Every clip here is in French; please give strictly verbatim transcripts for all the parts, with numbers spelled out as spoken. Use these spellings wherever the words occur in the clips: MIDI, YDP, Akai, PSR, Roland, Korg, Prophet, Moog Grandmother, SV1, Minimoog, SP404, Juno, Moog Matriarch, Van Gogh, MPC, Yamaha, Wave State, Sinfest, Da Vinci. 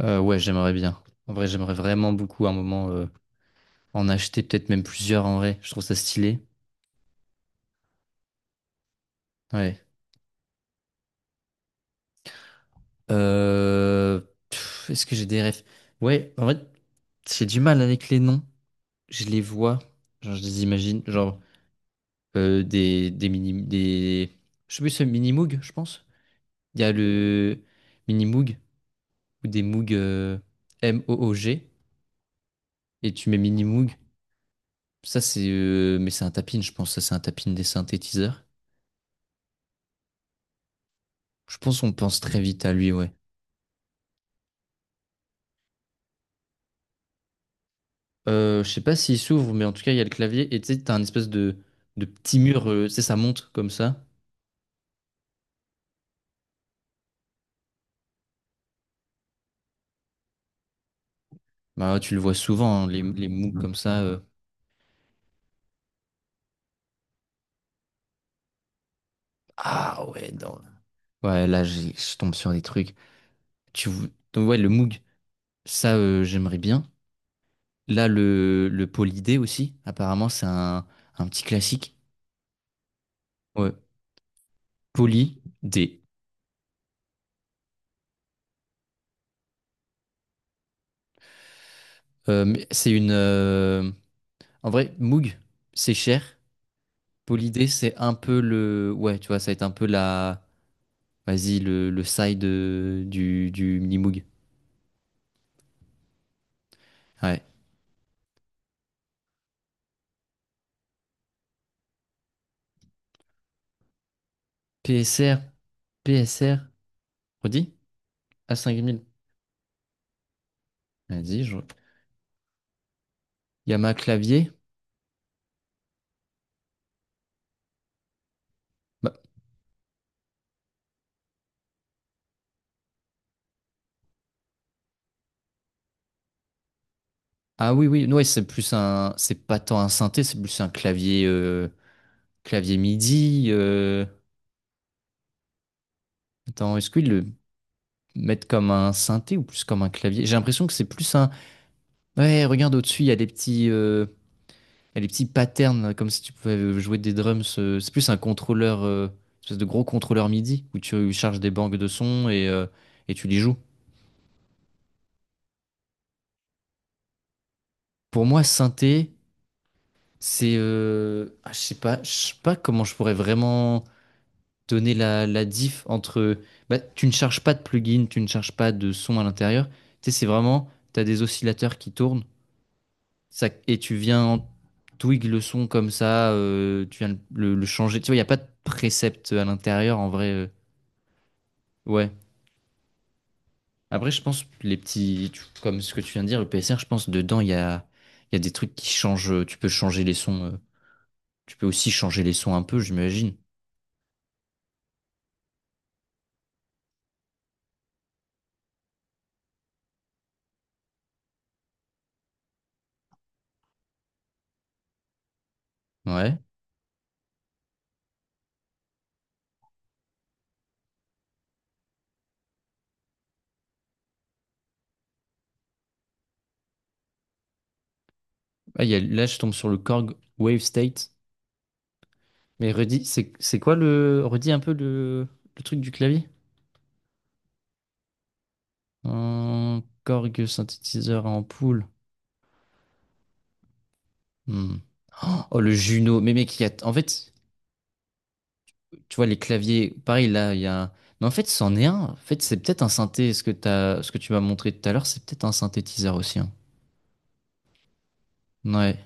Euh, ouais, j'aimerais bien. En vrai, j'aimerais vraiment beaucoup à un moment euh, en acheter, peut-être même plusieurs en vrai. Je trouve ça stylé. Ouais. Euh, pff, Est-ce que j'ai des rêves? Ouais, en vrai, j'ai du mal avec les noms. Je les vois, genre je les imagine, genre euh, des, des mini, des, je sais plus, c'est mini moog, je pense. Il y a le mini moog ou des moog euh, M O O G et tu mets mini moog. Ça c'est, euh, mais c'est un tapin, je pense. Ça c'est un tapin des synthétiseurs. Je pense qu'on pense très vite à lui, ouais. Euh, je sais pas s'il s'ouvre, mais en tout cas, il y a le clavier. Et tu sais, t'as un espèce de, de petit mur, euh, tu sais, ça monte comme ça. Bah, tu le vois souvent, hein, les, les moves comme ça. euh. Ah ouais, non. Ouais, là, j'ai- je tombe sur des trucs. Tu... vou- Donc, ouais, le Moog, ça, euh, j'aimerais bien. Là, le, le Poly-D aussi, apparemment, c'est un, un petit classique. Ouais, Poly-D. Euh, mais c'est une. euh, En vrai, Moog, c'est cher. Polydé, c'est un peu le. Ouais, tu vois, ça va être un peu la. Vas-y, le, le side euh, du, du Minimoog. Ouais. P S R, P S R, redis? A cinq mille. Vas-y, je. Yamaha clavier. Bah, ah oui, oui, ouais, c'est plus un. C'est pas tant un synthé, c'est plus un clavier. Euh, Clavier MIDI. Euh, Attends, est-ce qu'ils le mettent comme un synthé ou plus comme un clavier? J'ai l'impression que c'est plus un. Ouais, regarde au-dessus, il y a des petits. Euh, Et les petits patterns, là, comme si tu pouvais euh, jouer des drums. Euh, c'est plus un contrôleur, euh, espèce de gros contrôleur MIDI, où tu euh, charges des banques de sons et, euh, et tu les joues. Pour moi, synthé, c'est... euh, ah, je sais pas, je sais pas comment je pourrais vraiment donner la, la diff entre... Bah, tu ne charges pas de plugin, tu ne charges pas de son à l'intérieur. Tu sais, c'est vraiment... Tu as des oscillateurs qui tournent ça, et tu viens en twig le son comme ça, euh, tu viens le, le- le changer. Tu vois, il n'y a pas de précepte à l'intérieur en vrai. Euh, ouais. Après, je pense que les petits, tu- comme ce que tu viens de dire, le P S R, je pense dedans il y a, il y a des trucs qui changent. Euh, Tu peux changer les sons. Euh, Tu peux aussi changer les sons un peu, j'imagine. Ouais. Ah, il y a- là, je tombe sur le Korg Wave State. Mais redis, c'est c'est quoi le, redis un peu le, le truc du clavier. Euh, Korg synthétiseur en poule. Hmm. Oh, le Juno. Mais mec, il y a, en fait. Tu vois, les claviers, pareil, là, il y a... Mais en fait, c'en est un. En fait, c'est peut-être un synthé. Ce que t'as... ce que tu m'as montré tout à l'heure, c'est peut-être un synthétiseur aussi, hein. Ouais.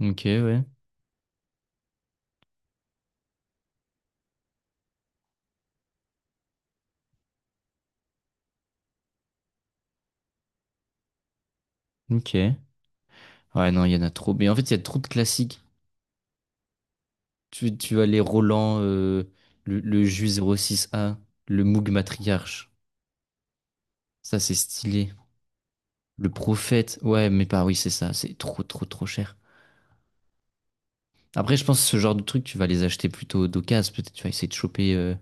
Ok, ouais. Ok. Ouais, non, il y en a trop. Mais en fait, il y a trop de classiques. Tu, tu as les Roland, euh, le, le Jus zéro six a le Moog Matriarche. Ça, c'est stylé. Le Prophète. Ouais, mais pas, oui, c'est ça. C'est trop, trop, trop cher. Après, je pense que ce genre de truc, tu vas les acheter plutôt d'occasion. Peut-être tu vas essayer de choper. Euh.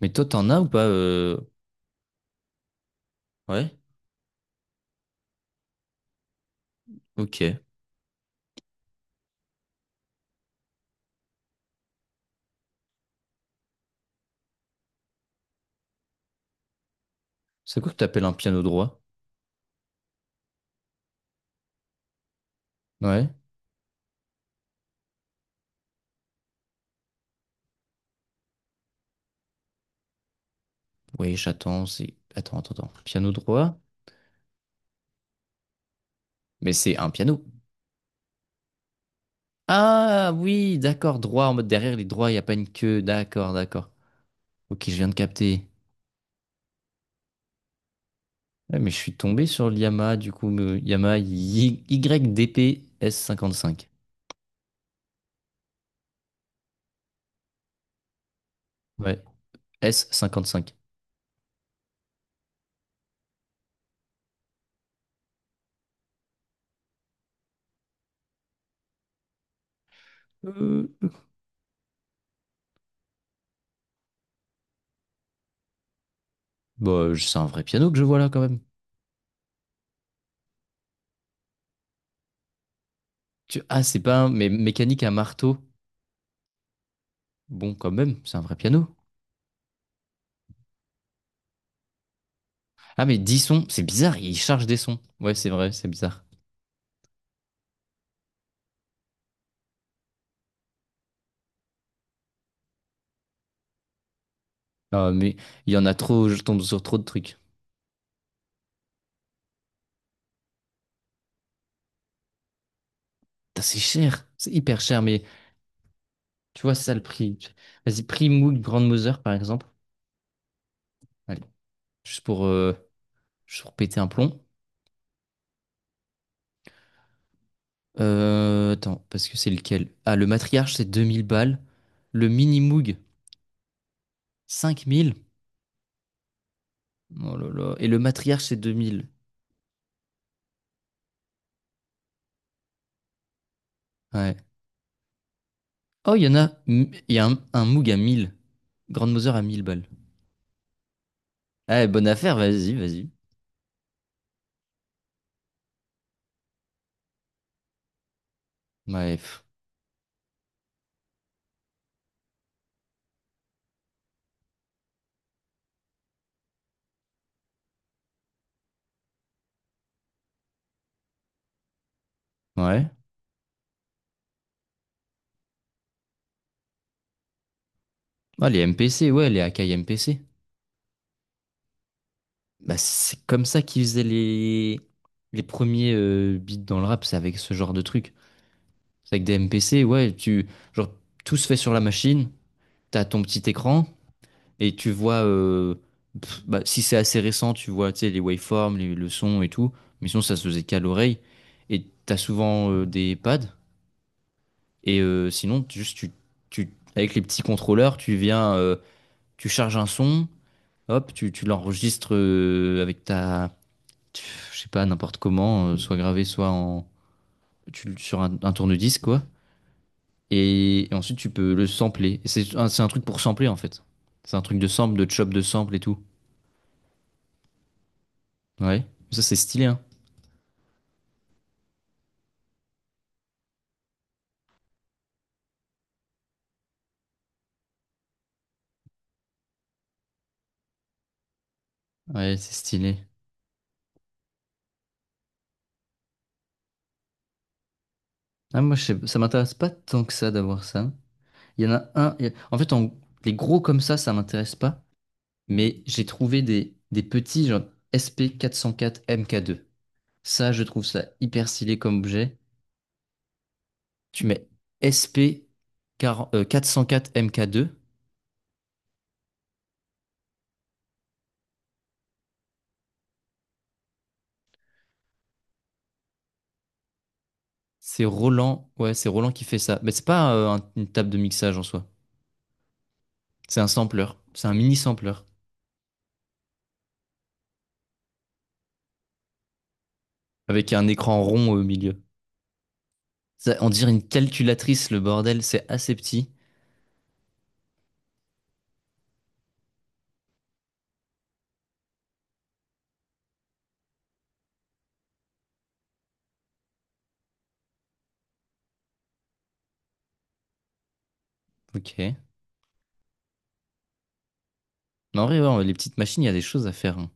Mais toi, t'en as ou pas euh, Ouais. Ok. C'est quoi que t'appelles un piano droit? Ouais. Oui, j'attends, c'est... Attends, attends, attends. Piano droit? Mais c'est un piano. Ah oui, d'accord, droit, en mode derrière les droits, il n'y a pas une queue. D'accord, d'accord. Ok, je viens de capter. Ouais, mais je suis tombé sur le Yamaha, du coup, le Yamaha Y- YDP s cinquante cinq. Ouais, S cinquante-cinq. Euh, Bah, c'est un vrai piano que je vois là, quand même. Tu... Ah, c'est pas un... Mais mécanique à marteau. Bon, quand même, c'est un vrai piano. Ah, mais dix sons, c'est bizarre, il charge des sons. Ouais, c'est vrai, c'est bizarre. Ah, mais il y en a trop, je tombe sur trop de trucs. Putain, c'est cher, c'est hyper cher, mais tu vois, c'est ça le prix. Vas-y, prix Moog Grandmother, par exemple. Allez, juste pour, euh, juste pour péter un plomb. Euh, attends, parce que c'est lequel? Ah, le matriarche, c'est deux mille balles. Le mini Moog, cinq mille. Oh là là. Et le matriarche, c'est deux mille. Ouais. Oh, il y en a. Il y a un, un Moog à mille. Grandmother à mille balles. Ah, bonne affaire, vas-y, vas-y. Ouais. pff, Ouais. Ah, les M P C, ouais, les Akai M P C. Bah, c'est comme ça qu'ils faisaient les, les premiers euh, beats dans le rap, c'est avec ce genre de truc. C'est avec des M P C, ouais, tu, genre, tout se fait sur la machine, t'as ton petit écran, et tu vois, euh, pff, bah, si c'est assez récent, tu vois, tu sais, les waveforms, les, le son et tout, mais sinon, ça se faisait qu'à l'oreille, et t'as souvent euh, des pads, et euh, sinon, tu- juste, tu, tu, avec les petits contrôleurs, tu viens, euh, tu charges un son, hop, tu, tu l'enregistres euh, avec ta, je sais pas, n'importe comment, euh, soit gravé, soit en, tu sur un, un tourne-disque, quoi. Et, et ensuite, tu peux le sampler. Et C'est un, c'est un truc pour sampler, en fait. C'est un truc de sample, de chop de sample et tout. Ouais. Ça, c'est stylé, hein. Ouais, c'est stylé. Ah, moi, je sais, ça m'intéresse pas tant que ça d'avoir ça. Il y en a un. il y a- En fait, en- les gros comme ça, ça m'intéresse pas. Mais j'ai trouvé des, des petits, genre S P quatre cent quatre M K deux. Ça, je trouve ça hyper stylé comme objet. Tu mets S P 40 euh, quatre cent quatre mk deux. C'est Roland, ouais, c'est Roland qui fait ça. Mais c'est pas euh, un- une table de mixage en soi. C'est un sampler. C'est un mini sampler avec un écran rond au milieu. Ça, on dirait une calculatrice, le bordel. C'est assez petit. Ok. Mais en vrai, ouais, les petites machines, il y a des choses à faire, hein.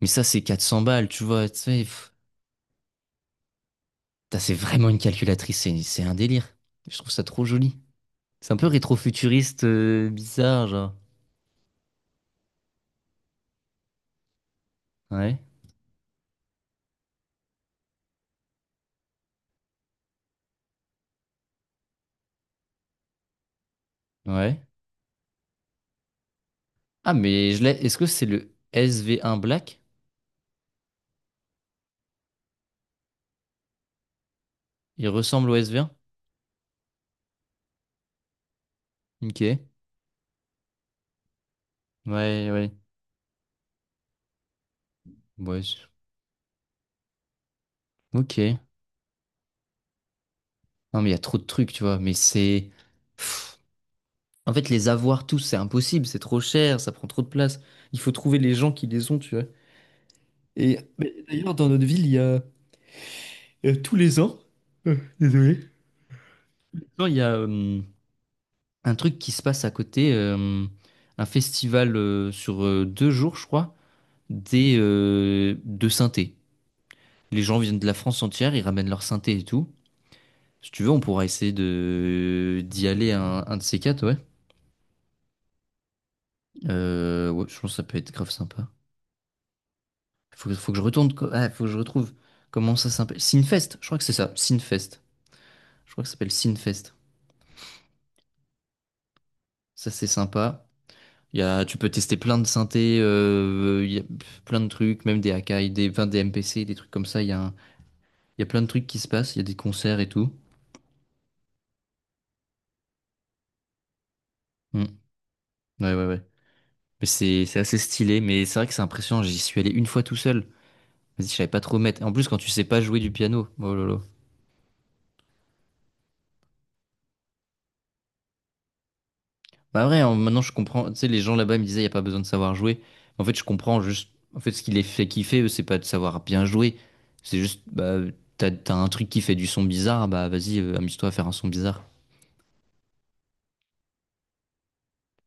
Mais ça, c'est quatre cents balles, tu vois. Tu sais. Pff. Putain, c'est vraiment une calculatrice. C'est c'est un délire. Je trouve ça trop joli. C'est un peu rétro-futuriste, euh, bizarre, genre. Ouais. Ouais. Ah, mais je l'ai. Est-ce que c'est le S V un Black? Il ressemble au S V un? Ok. Ouais, ouais. Ouais. c'est- Ok. Non, mais il y a trop de trucs, tu vois. Mais c'est. En fait, les avoir tous, c'est impossible. C'est trop cher. Ça prend trop de place. Il faut trouver les gens qui les ont, tu vois. Et mais d'ailleurs, dans notre ville, il y a euh, tous les ans, genre, il y a euh, un truc qui se passe à côté. Euh, un festival euh, sur euh, deux jours, je crois, des, euh, de synthé. Les gens viennent de la France entière, ils ramènent leur synthé et tout. Si tu veux, on pourra essayer de d'y aller un, un de ces quatre, ouais. Euh, ouais, je pense que ça peut être grave sympa. Faut, que- faut que je retourne. co- Ah, faut que je retrouve. Comment ça s'appelle? Sinfest, je crois que c'est ça. Sinfest. Je crois que ça s'appelle Sinfest. Ça, c'est sympa. Il y a, tu peux tester plein de synthés, euh, il y a pff, plein de trucs, même des Akai, des, enfin, des M P C, des trucs comme ça. Il y a, un- il y a plein de trucs qui se passent. Il y a des concerts et tout. Hmm. Ouais, ouais, ouais. Mais c'est c'est assez stylé, mais c'est vrai que c'est impressionnant. J'y suis allé une fois tout seul. Vas-y, je savais pas trop mettre. En plus, quand tu sais pas jouer du piano, oh là là. Bah vrai, hein, maintenant je comprends. Tu sais, les gens là-bas me disaient, il n'y a pas besoin de savoir jouer. En fait, je comprends juste. En fait, ce qui les fait kiffer, eux, c'est pas de savoir bien jouer. C'est juste, bah, t'as, t'as un truc qui fait du son bizarre, bah vas-y, euh, amuse-toi à faire un son bizarre.